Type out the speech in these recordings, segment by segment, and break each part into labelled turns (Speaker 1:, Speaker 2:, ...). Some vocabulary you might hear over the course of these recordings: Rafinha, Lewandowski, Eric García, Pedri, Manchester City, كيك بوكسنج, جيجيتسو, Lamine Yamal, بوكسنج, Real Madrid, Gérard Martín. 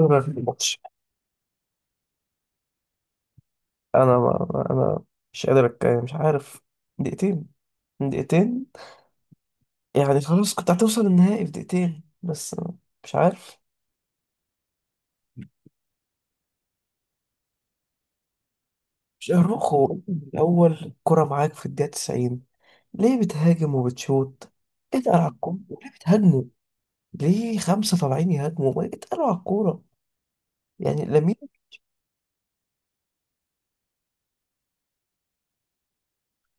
Speaker 1: أنا في الماتش. أنا ما ما- أنا مش قادر أتكلم، مش عارف. دقيقتين، دقيقتين، يعني خلاص كنت هتوصل النهائي في دقيقتين بس. مش عارف. مش أروخو الأول كرة معاك في الدقيقة 90؟ ليه بتهاجم وبتشوط؟ اتقل على الكورة، ليه بتهاجموا؟ ليه خمسة طالعين يهاجموا؟ ما اتقلوا على الكورة. يعني لامين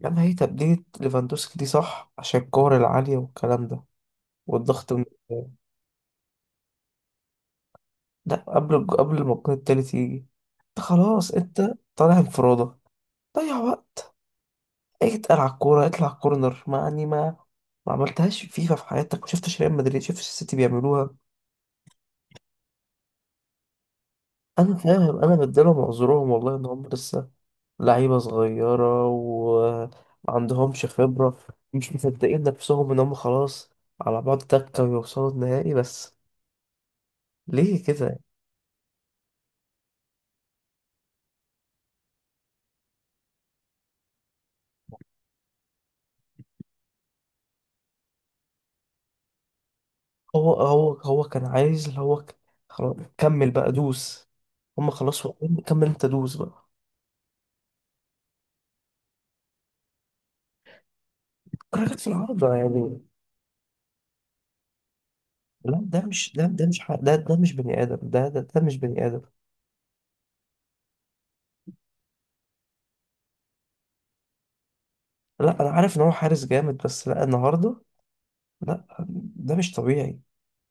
Speaker 1: يامال. هي تبديلة ليفاندوسكي دي صح عشان الكور العالية والكلام ده والضغط من. لا، قبل ما الجون التالت يجي، انت خلاص انت طالع انفرادة. ضيع وقت، اتقل على الكورة، اطلع كورنر. ما يعني ما ما عملتهاش فيفا في حياتك؟ ما شفتش ريال مدريد؟ شفتش السيتي بيعملوها. انا فاهم، انا بديلهم عذرهم والله ان هم لسه لعيبة صغيرة وما عندهمش خبرة. مش مصدقين نفسهم ان هم خلاص على بعض تكة ويوصلوا النهائي بس. ليه كده؟ هو كان عايز اللي هو خلاص كمل بقى، دوس. هم خلاص واقفين، كمل، انت دوس بقى. كراكت في العارضة يعني. لا ده مش ده، ده مش ح- ده ده مش بني آدم. ده مش بني آدم. لا انا عارف ان هو حارس جامد، بس لا، النهارده لا، ده مش طبيعي.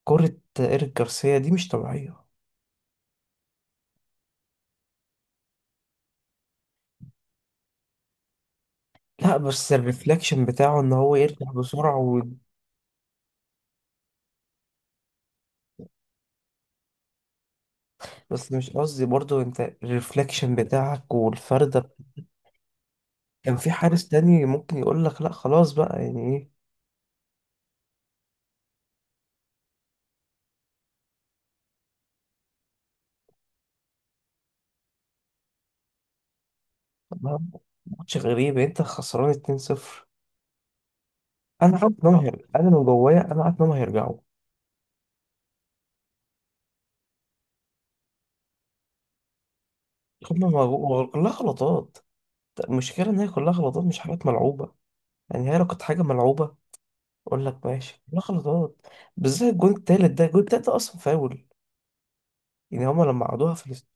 Speaker 1: كرة ايريك جارسيا دي مش طبيعية. لا بس الريفلكشن بتاعه ان هو يرجع بسرعة و... بس مش قصدي، برضو انت الريفلكشن بتاعك والفردة. كان في حارس تاني ممكن يقول لك لا خلاص بقى، يعني إيه، ماتش غريب. انت خسران 2-0. انا عارف انهم هيرجعوا، انا من جوايا انا عارف انهم هيرجعوا. كلها غلطات. المشكله ان هي كلها غلطات، مش حاجات ملعوبه. يعني هي لو كانت حاجه ملعوبه اقول لك ماشي، كلها غلطات. بالذات الجون التالت ده، الجون التالت ده اصلا فاول. يعني هم لما عادوها في الاست...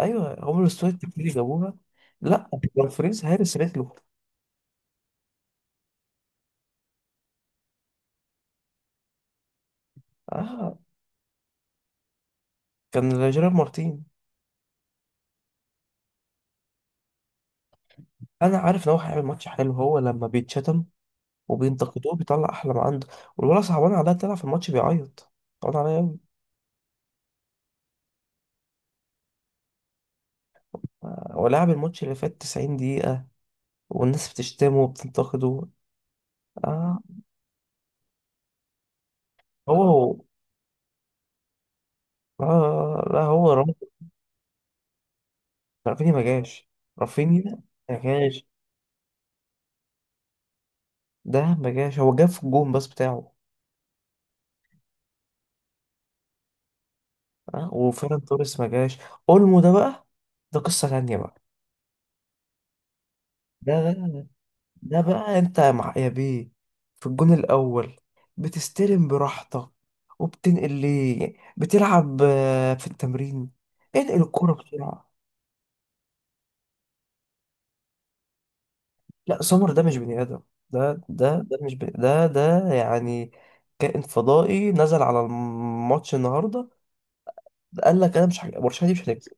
Speaker 1: ايوه هم الاستوديو التكتيكي جابوها. لا، لو فريز هارس رجله. اه. كان جيرار مارتين. انا عارف ان هو هيعمل ماتش حلو، هو لما بيتشتم وبينتقدوه بيطلع احلى ما عنده. والولد صعبان عليا، طلع في الماتش بيعيط، صعبان عليا أوي. آه، هو لعب الماتش اللي فات 90 دقيقة والناس بتشتمه وبتنتقده. آه. هو هو آه لا هو رام- رافينيا ما جاش. رافينيا ما جاش. ده ما جاش، هو جاب في الجون بس بتاعه. آه، وفيران توريس ما جاش. اولمو ده بقى، ده قصة تانية بقى. ده ده بقى انت يا مع يا بيه. في الجون الاول بتستلم براحتك وبتنقل، ليه بتلعب آه، في التمرين؟ انقل الكرة بسرعة. لا سمر ده مش بني ادم. ده ده ده مش بني ده ده يعني كائن فضائي نزل على الماتش النهارده. قال لك انا مش هج- برشلونة دي مش هتكسب.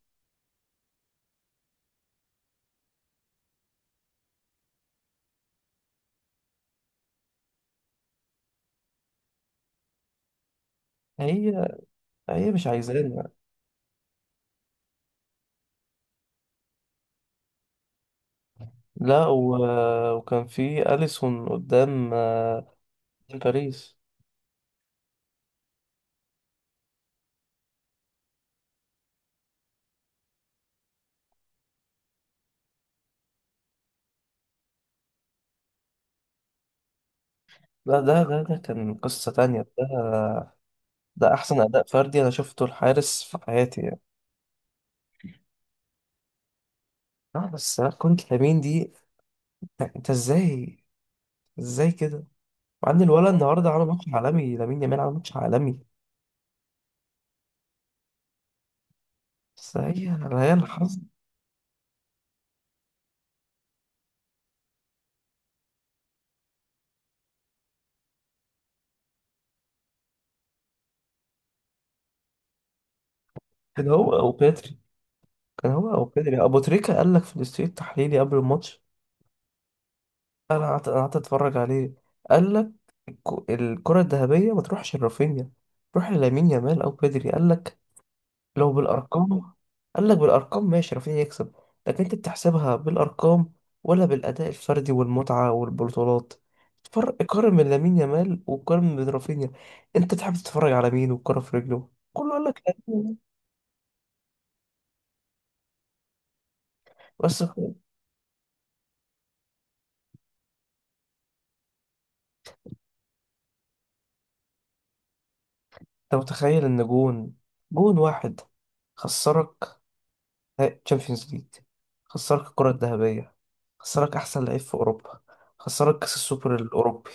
Speaker 1: هي هي مش عايزانا. لا و... وكان في اليسون قدام آه، باريس. لا ده، كان قصة تانية ده. ده احسن اداء فردي انا شفته الحارس في حياتي يعني. اه بس لا، كرة لامين دي، انت ازاي؟ ازاي كده؟ مع ان الولد النهارده عمل ماتش عالمي، لامين يامال عمل ماتش عالمي. بس هي، هي الحظ. كان هو او بيتري، كان هو او بيتري ابو تريكة قال لك في الاستوديو التحليلي قبل الماتش. انا قعدت أنا قعدت اتفرج عليه، قال لك الكرة الذهبية ما تروحش لرافينيا، تروح للامين يامال او بيدري. قال لك لو بالارقام، قال لك بالارقام ماشي رافينيا يكسب. لكن انت بتحسبها بالارقام ولا بالاداء الفردي والمتعه والبطولات؟ فرق، قارن من لامين يامال وقارن من رافينيا. انت تحب تتفرج على مين والكره في رجله كله؟ قال لك لامين. بس انت متخيل ان جون، جون واحد خسرك تشامبيونز ليج، خسرك الكره الذهبيه، خسرك احسن لعيب في اوروبا، خسرك كاس السوبر الاوروبي،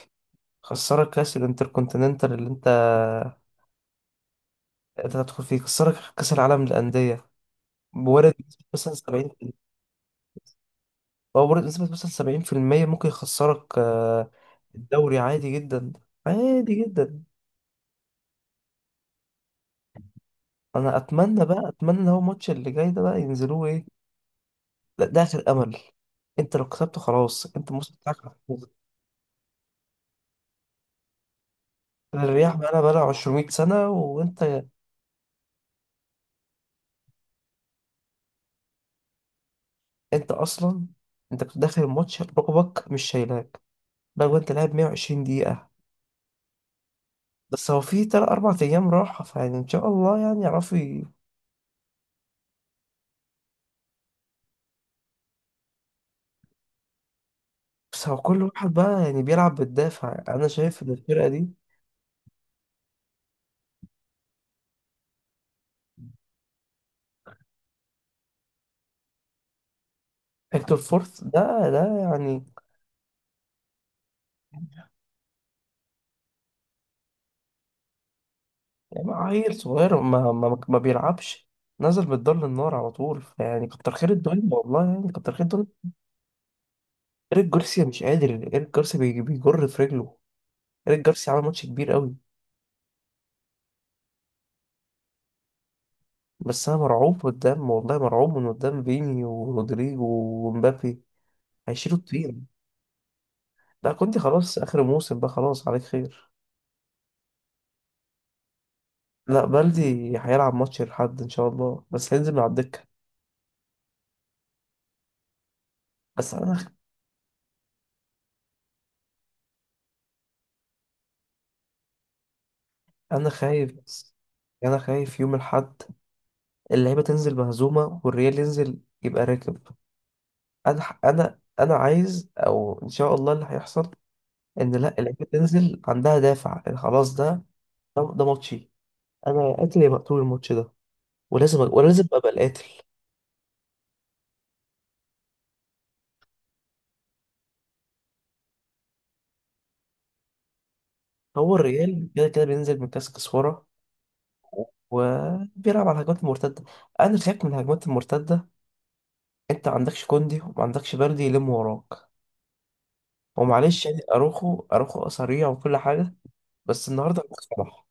Speaker 1: خسرك كاس الانتركونتيننتال اللي انت انت تدخل في، كسرك كأس العالم للأندية. بورد نسبة مثلا 70، هو بورد نسبة مثلا 70% ممكن يخسرك آه، الدوري. عادي جدا، عادي جدا. انا اتمنى بقى، اتمنى ان هو الماتش اللي جاي ده بقى ينزلوه ايه. لا ده اخر امل، انت لو كسبته خلاص انت الموسم بتاعك محفوظ. الرياح بقى 200 سنة وانت انت اصلا انت كنت داخل الماتش ركبك مش شايلاك. بقى انت لاعب 120 دقيقة. بس هو في تلات أربع أيام راحة، فيعني إن شاء الله يعني يعرفوا. بس هو كل واحد بقى يعني بيلعب بالدافع، انا شايف ان الفرقه دي. هيكتور فورث ده ده يعني، يعني عيل صغير ما بيلعبش. نزل من الدار للنار على طول، يعني كتر خير الدنيا والله، يعني كتر خير الدنيا. ايريك جارسيا مش قادر، ايريك جارسيا بيجر في رجله. ايريك جارسيا عمل ماتش كبير قوي. بس انا مرعوب قدام، والله مرعوب من قدام فيني ورودريجو ومبابي، هيشيلوا الطين. ده كنت خلاص اخر موسم بقى، خلاص عليك خير. لا بلدي هيلعب ماتش الحد ان شاء الله، بس هينزل من على الدكه. بس انا خايف، بس انا خايف يوم الحد اللعيبه تنزل مهزومه والريال ينزل يبقى راكب. انا عايز او ان شاء الله اللي هيحصل ان لا، اللعيبه تنزل عندها دافع إن خلاص ده، ده ماتشي. انا يا قاتل يا مقتول الماتش ده، ولازم ابقى القاتل. هو الريال كده كده بينزل من كاس كسوره وبيلعب على الهجمات المرتده. انا خايف من الهجمات المرتده. انت ما عندكش كوندي وما عندكش بلدي يلم وراك. ومعلش يعني، اروخو سريع وكل حاجه، بس النهارده اروخو اتفضح.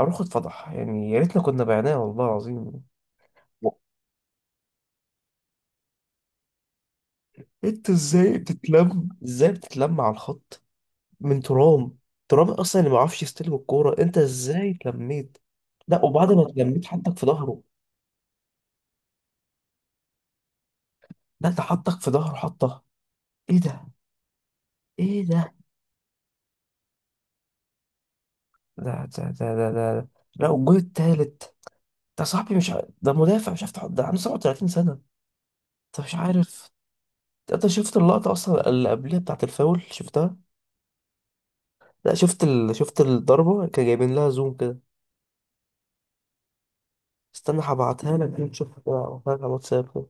Speaker 1: اروخو اتفضح، يعني يا ريتنا كنا بعناه والله العظيم. انت ازاي بتتلم، ازاي بتتلم على الخط من ترام؟ ترام اصلا اللي ما بيعرفش يستلم الكوره، انت ازاي اتلميت؟ لا وبعد ما اتلميت حطك في ظهره. لا ده حطك في ظهره، حطه. ايه ده؟ ايه ده؟ ده ده ده ده, ده. لا، والجول التالت ده صاحبي، مش ع... ده مدافع مش عارف تحط، ده عنده 37 سنه. طب مش عارف، انت شفت اللقطة اصلا اللي قبلها بتاعت الفاول؟ شفتها؟ لا، شفت الضربة، كان جايبين لها زوم كده. استنى هبعتها لك تشوفها كده، هبعتها لك على الواتساب.